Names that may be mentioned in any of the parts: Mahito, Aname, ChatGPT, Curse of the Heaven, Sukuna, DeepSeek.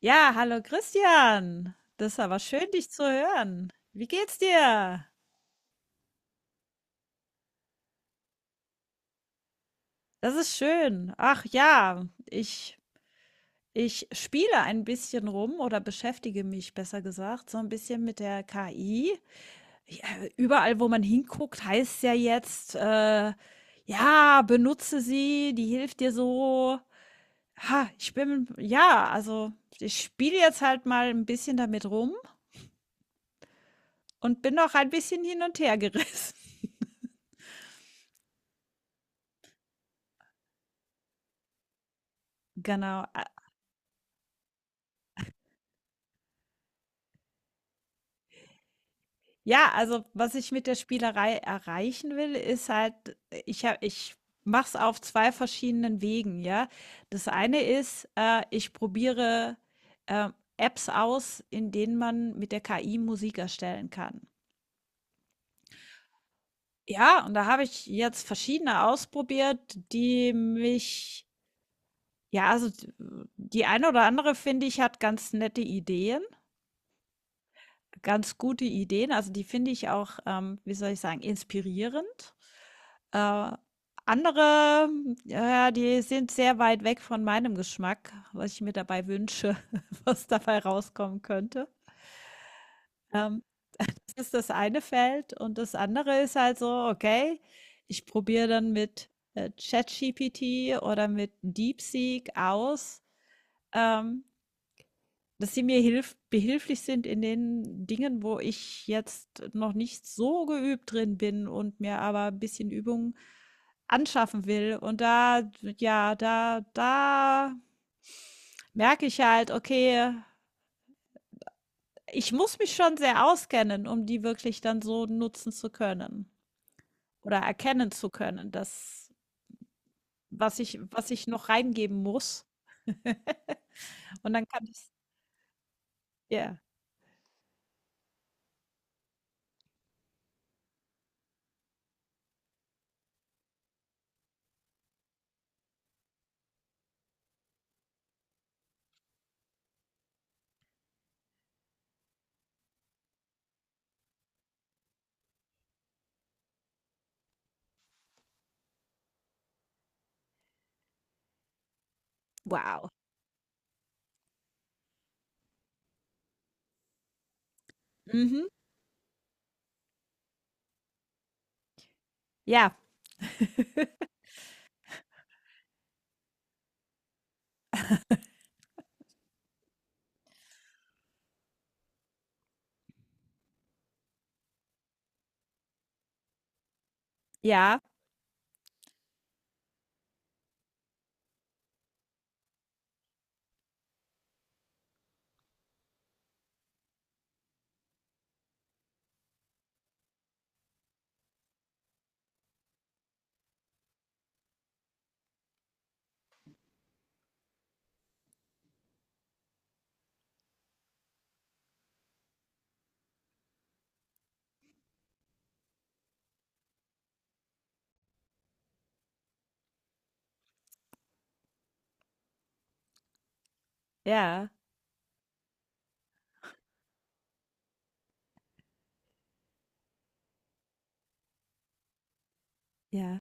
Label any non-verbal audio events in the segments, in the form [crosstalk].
Ja, hallo Christian. Das ist aber schön, dich zu hören. Wie geht's dir? Das ist schön. Ach ja, ich spiele ein bisschen rum oder beschäftige mich, besser gesagt, so ein bisschen mit der KI. Ja, überall, wo man hinguckt, heißt es ja jetzt, ja, benutze sie, die hilft dir so. Ha, ich bin, ja, also ich spiele jetzt halt mal ein bisschen damit rum und bin noch ein bisschen hin und her gerissen. [laughs] Genau. A ja, also, was ich mit der Spielerei erreichen will, ist halt, ich mache es auf 2 verschiedenen Wegen, ja. Das eine ist, ich probiere, Apps aus, in denen man mit der KI Musik erstellen kann. Ja, und da habe ich jetzt verschiedene ausprobiert, die mich ja, also, die eine oder andere, finde ich, hat ganz nette Ideen. Ganz gute Ideen. Also, die finde ich auch, wie soll ich sagen, inspirierend. Äh, andere, ja, die sind sehr weit weg von meinem Geschmack, was ich mir dabei wünsche, [laughs] was dabei rauskommen könnte. Ähm, das ist das eine Feld und das andere ist halt so, okay, ich probiere dann mit, ChatGPT oder mit DeepSeek aus, ähm dass sie mir hilf behilflich sind in den Dingen, wo ich jetzt noch nicht so geübt drin bin und mir aber ein bisschen Übung anschaffen will. Und da ja, da merke ich halt, okay, ich muss mich schon sehr auskennen, um die wirklich dann so nutzen zu können oder erkennen zu können, das was ich noch reingeben muss. [laughs] Und dann kann ich's ja, wow. Mhm. Ja, ja. Ja, ja.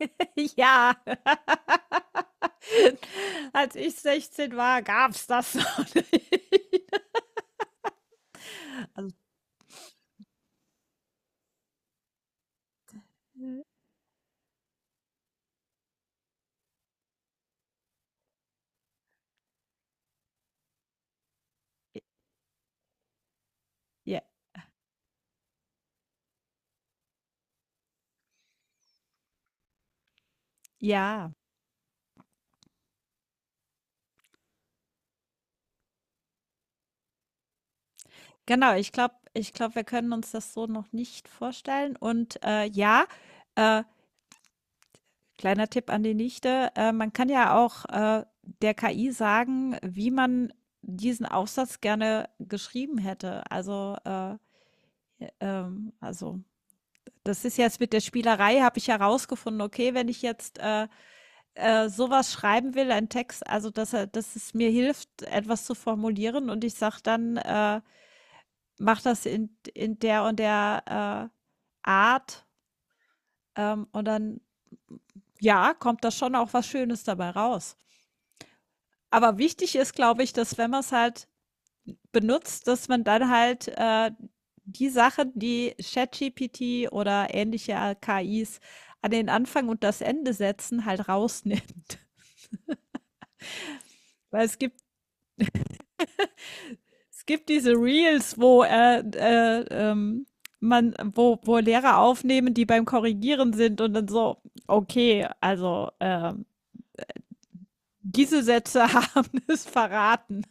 [laughs] Ja. [laughs] Als ich 16 war, gab's das noch nicht. [laughs] J ja, ja. Genau. Ich glaube, wir können uns das so noch nicht vorstellen. Und, ja, äh, kleiner Tipp an die Nichte, man kann ja auch, der KI sagen, wie man diesen Aufsatz gerne geschrieben hätte. Also, ja, also das ist jetzt mit der Spielerei, habe ich herausgefunden, okay, wenn ich jetzt, sowas schreiben will, ein Text, also dass es mir hilft, etwas zu formulieren und ich sage dann, mach das in der und der Art, und dann, ja, kommt da schon auch was Schönes dabei raus. Aber wichtig ist, glaube ich, dass wenn man es halt benutzt, dass man dann halt die Sachen, die ChatGPT oder ähnliche KIs an den Anfang und das Ende setzen, halt rausnimmt. [laughs] Weil es gibt Es gibt diese Reels, wo wo Lehrer aufnehmen, die beim Korrigieren sind und dann so, okay, also diese Sätze [laughs] haben es verraten.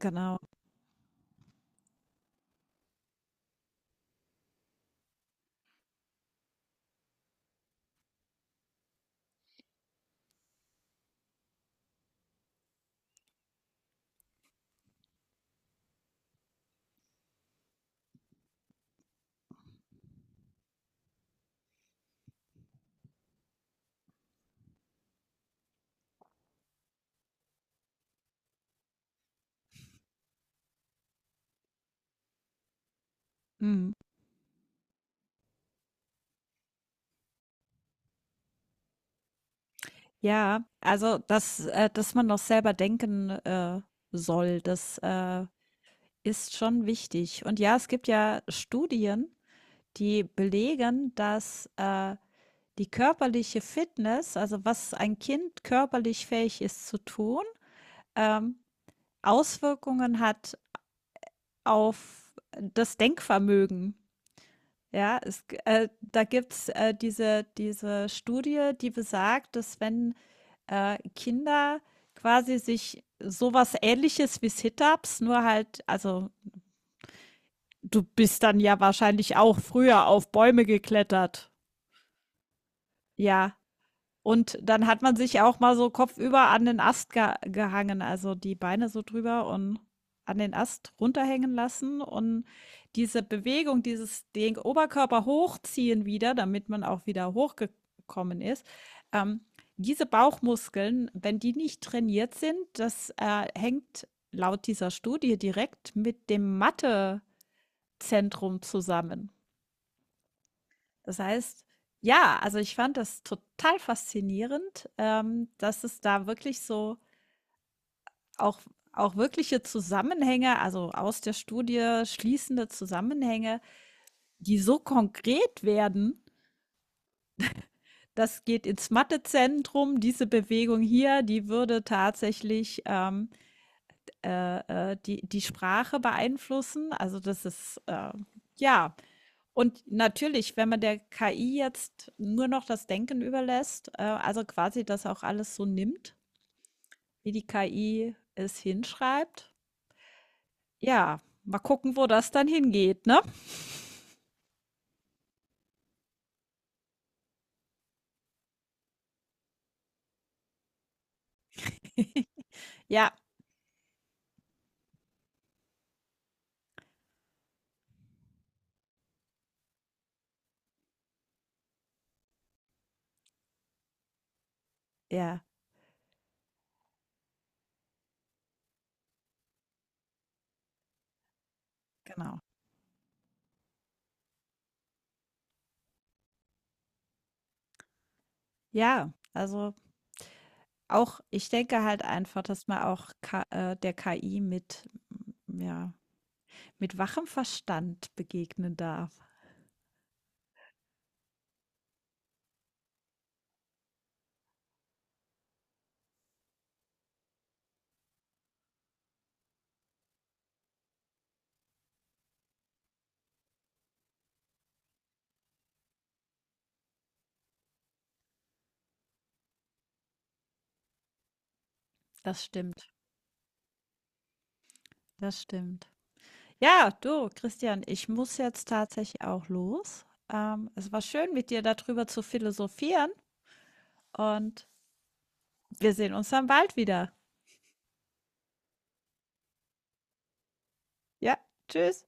Genau. Mhm. Ja, also dass man noch selber denken soll, das ist schon wichtig. Und ja, es gibt ja Studien, die belegen, dass die körperliche Fitness, also was ein Kind körperlich fähig ist zu tun, ähm, Auswirkungen hat auf das Denkvermögen. Ja, es, da gibt es diese Studie, die besagt, dass wenn Kinder quasi sich sowas ähnliches wie Sit-ups, nur halt, also du bist dann ja wahrscheinlich auch früher auf Bäume geklettert. Ja, und dann hat man sich auch mal so kopfüber an den Ast ge gehangen, also die Beine so drüber und an den Ast runterhängen lassen und diese Bewegung, dieses den Oberkörper hochziehen wieder, damit man auch wieder hochgekommen ist. Ähm, diese Bauchmuskeln, wenn die nicht trainiert sind, das hängt laut dieser Studie direkt mit dem Mathezentrum zusammen. Das heißt ja, also ich fand das total faszinierend, dass es da wirklich so auch auch wirkliche Zusammenhänge, also aus der Studie schließende Zusammenhänge, die so konkret werden, das geht ins Mathezentrum, diese Bewegung hier, die würde tatsächlich, die, die Sprache beeinflussen. Also das ist, ja. Und natürlich, wenn man der KI jetzt nur noch das Denken überlässt, also quasi das auch alles so nimmt, wie die KI es hinschreibt, ja, mal gucken, wo das dann hingeht, ne? [laughs] Ja, ja, genau. Ja, also auch, ich denke halt einfach, dass man auch Ka der KI mit, ja, mit wachem Verstand begegnen darf. Das stimmt. Das stimmt. Ja, du, Christian, ich muss jetzt tatsächlich auch los. Es war schön, mit dir darüber zu philosophieren und wir sehen uns dann bald wieder. Ja, tschüss.